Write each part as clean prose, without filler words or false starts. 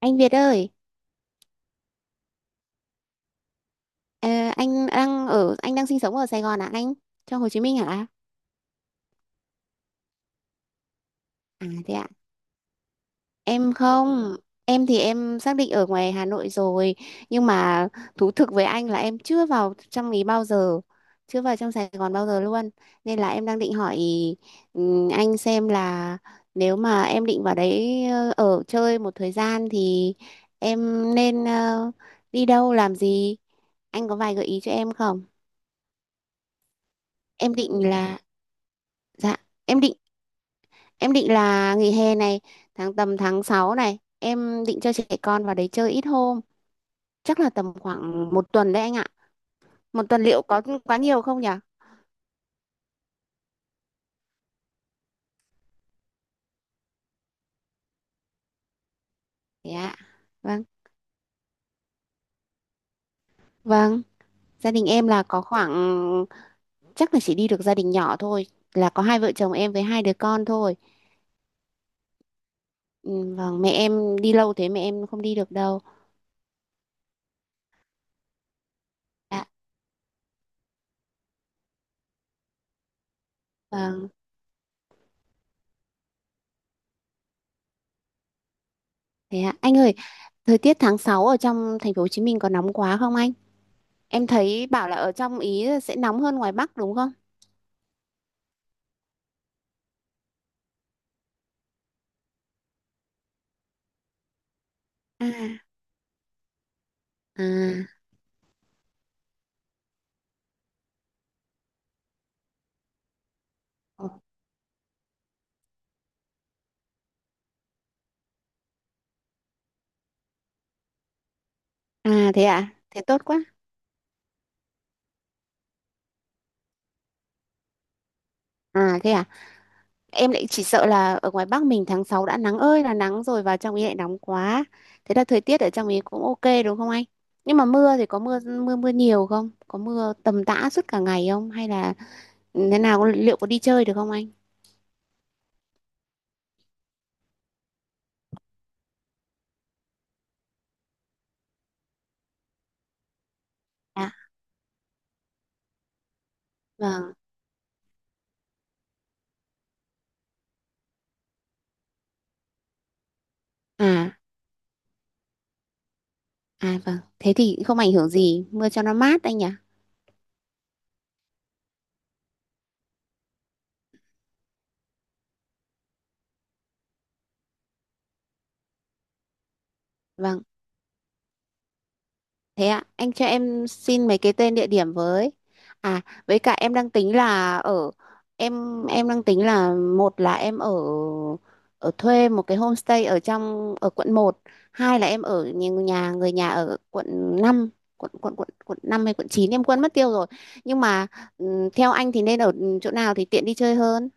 Anh Việt ơi, ờ, anh đang sinh sống ở Sài Gòn à anh? Trong Hồ Chí Minh hả? À thế ạ. Em không, em thì em xác định ở ngoài Hà Nội rồi, nhưng mà thú thực với anh là em chưa vào trong ý bao giờ, chưa vào trong Sài Gòn bao giờ luôn. Nên là em đang định hỏi anh xem là nếu mà em định vào đấy ở chơi một thời gian thì em nên đi đâu làm gì? Anh có vài gợi ý cho em không? Em định là dạ em định Em định là nghỉ hè này, tầm tháng 6 này, em định cho trẻ con vào đấy chơi ít hôm, chắc là tầm khoảng 1 tuần đấy anh ạ. Một tuần liệu có quá nhiều không nhỉ? Thế ạ. Vâng, vâng, gia đình em là có khoảng chắc là chỉ đi được gia đình nhỏ thôi, là có hai vợ chồng em với hai đứa con thôi. Ừ, vâng, mẹ em đi lâu thế mẹ em không đi được đâu. Dạ, vâng, thế ạ. Anh ơi, thời tiết tháng 6 ở trong thành phố Hồ Chí Minh có nóng quá không anh? Em thấy bảo là ở trong ý sẽ nóng hơn ngoài Bắc đúng không? À. À. Ờ. À thế à? Thế tốt quá. À thế à? Em lại chỉ sợ là ở ngoài Bắc mình tháng 6 đã nắng ơi là nắng rồi vào trong ý lại nóng quá. Thế là thời tiết ở trong ý cũng ok đúng không anh? Nhưng mà mưa thì có mưa mưa mưa nhiều không? Có mưa tầm tã suốt cả ngày không? Hay là thế nào liệu có đi chơi được không anh? À vâng. À à vâng. Thế thì không ảnh hưởng gì, mưa cho nó mát anh nhỉ? Vâng. Thế ạ, anh cho em xin mấy cái tên địa điểm với. À, với cả em đang tính là ở em đang tính là một là em ở ở thuê một cái homestay ở quận 1, hai là em ở nhà nhà- người nhà ở quận 5, quận quận quận quận 5 hay quận 9 em quên mất tiêu rồi. Nhưng mà theo anh thì nên ở chỗ nào thì tiện đi chơi hơn?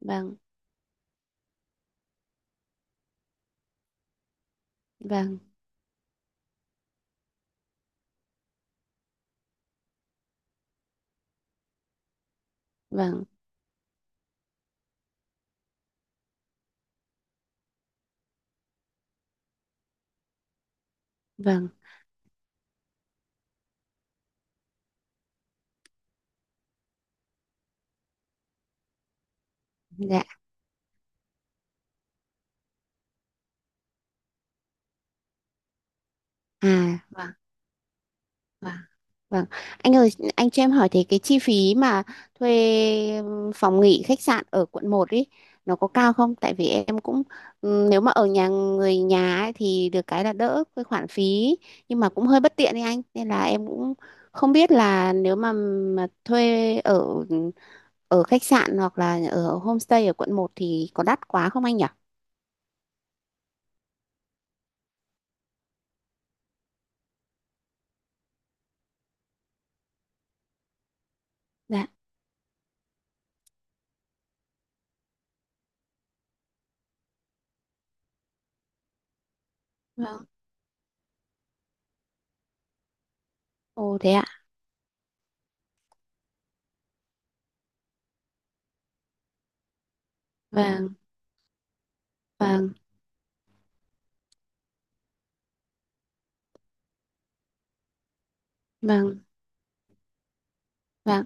Vâng, vâng, vâng, vâng. Dạ. À, vâng, vâng. Vâng, anh ơi, anh cho em hỏi thì cái chi phí mà thuê phòng nghỉ khách sạn ở quận 1 ý, nó có cao không? Tại vì em cũng nếu mà ở nhà người nhà ấy, thì được cái là đỡ cái khoản phí, nhưng mà cũng hơi bất tiện đi anh, nên là em cũng không biết là nếu mà thuê ở ở khách sạn hoặc là ở homestay ở quận 1 thì có đắt quá không anh nhỉ? Dạ. Vâng. Ồ thế ạ. Vâng, vâng, vâng, vâng.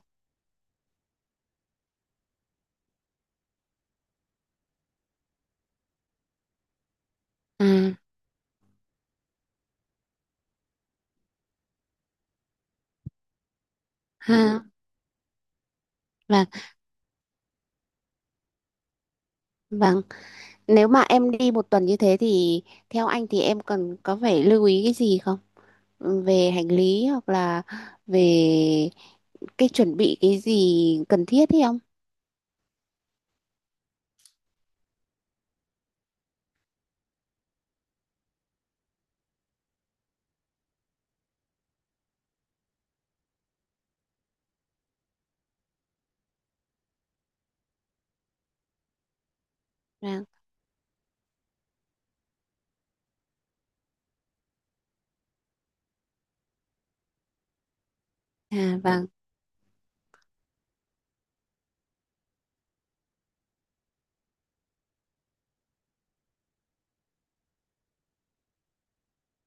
À ha. Vâng. Vâng. Nếu mà em đi 1 tuần như thế thì theo anh thì em cần phải lưu ý cái gì không? Ừ, về hành lý hoặc là về cái chuẩn bị cái gì cần thiết hay không? Vâng, à vâng,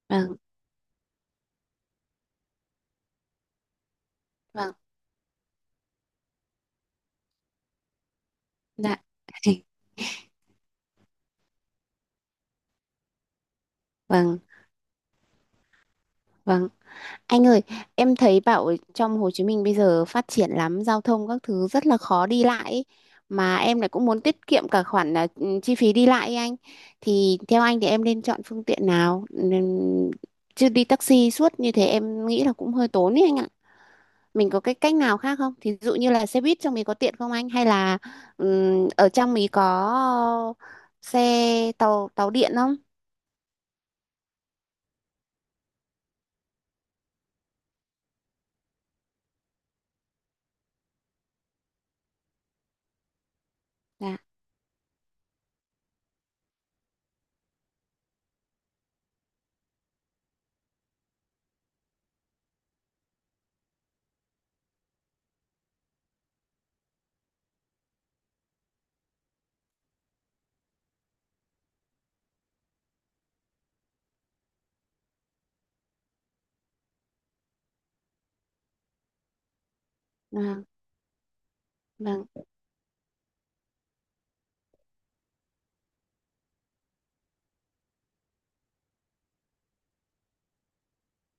vâng, vâng, dạ, vâng, vâng. Anh ơi, em thấy bảo trong Hồ Chí Minh bây giờ phát triển lắm, giao thông các thứ rất là khó đi lại ý. Mà em lại cũng muốn tiết kiệm cả khoản là chi phí đi lại ý anh. Thì theo anh thì em nên chọn phương tiện nào? Chứ đi taxi suốt như thế em nghĩ là cũng hơi tốn ý anh ạ. Mình có cái cách nào khác không? Thí dụ như là xe buýt trong mình có tiện không anh? Hay là ở trong mình có tàu tàu điện không? Dạ, vâng, vâng,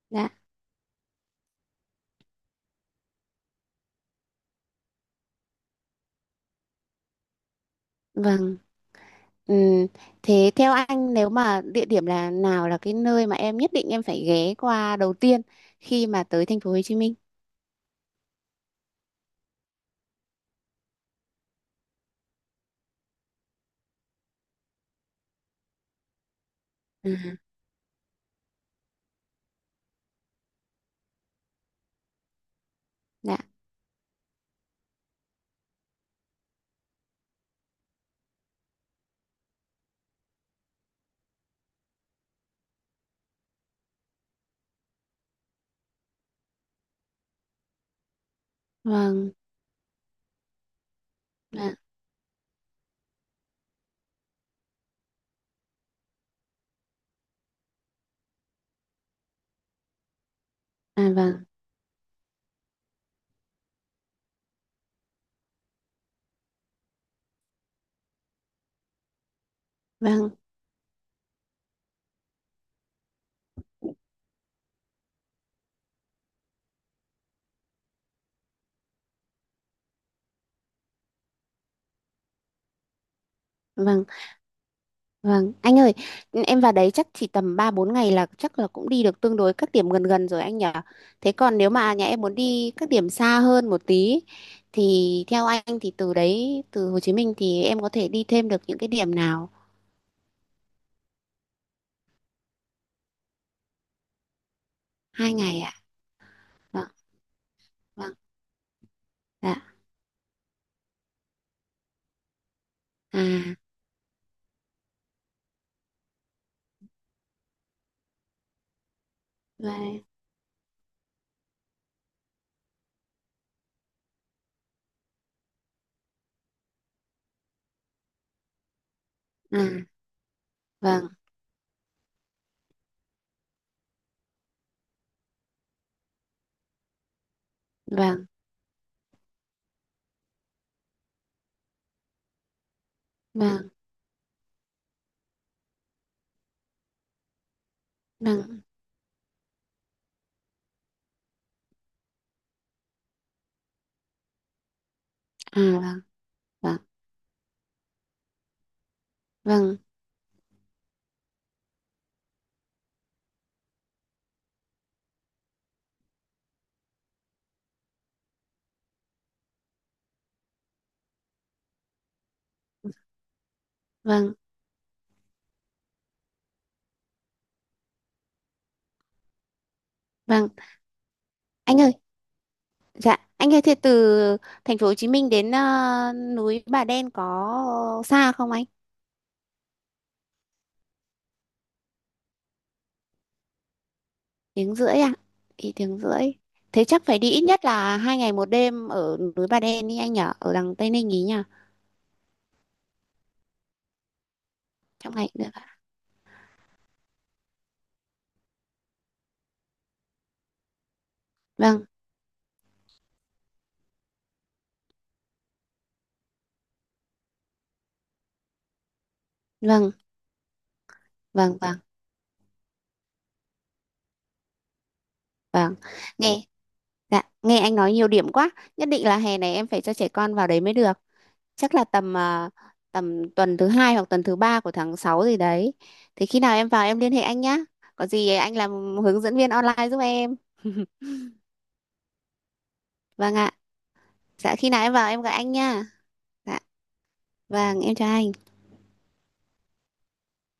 dạ, vâng. Ừ. Thế theo anh nếu mà địa điểm là nào là cái nơi mà em nhất định em phải ghé qua đầu tiên khi mà tới thành phố Hồ Chí Minh? Ừ. Dạ. Vâng. Dạ. À vâng. Vâng. Vâng. Vâng. Anh ơi, em vào đấy chắc chỉ tầm 3-4 ngày là chắc là cũng đi được tương đối các điểm gần gần rồi anh nhỉ? Thế còn nếu mà nhà em muốn đi các điểm xa hơn một tí thì theo anh thì từ Hồ Chí Minh thì em có thể đi thêm được những cái điểm nào? 2 ngày ạ. Vâng. Vâng. Dạ. À vâng, à, vâng, vâng, vâng, vâng, à, vâng, vâng, vâng, vâng, vâng. Anh ơi, dạ, anh ơi, thế từ thành phố Hồ Chí Minh đến núi Bà Đen có xa không anh? Tiếng rưỡi à? Thì tiếng rưỡi. Thế chắc phải đi ít nhất là 2 ngày 1 đêm ở núi Bà Đen đi anh nhở, ở đằng Tây Ninh ý nhở, trong ngày cũng được ạ. Vâng, vâng, vâng, vâng, vâng. Nghe, dạ, nghe anh nói nhiều điểm quá. Nhất định là hè này em phải cho trẻ con vào đấy mới được. Chắc là tầm tuần thứ hai hoặc tuần thứ ba của tháng 6 gì đấy, thì khi nào em vào em liên hệ anh nhá, có gì anh làm hướng dẫn viên online giúp em. Vâng ạ. Dạ, khi nào em vào em gọi anh nha. Dạ vâng, em chào anh.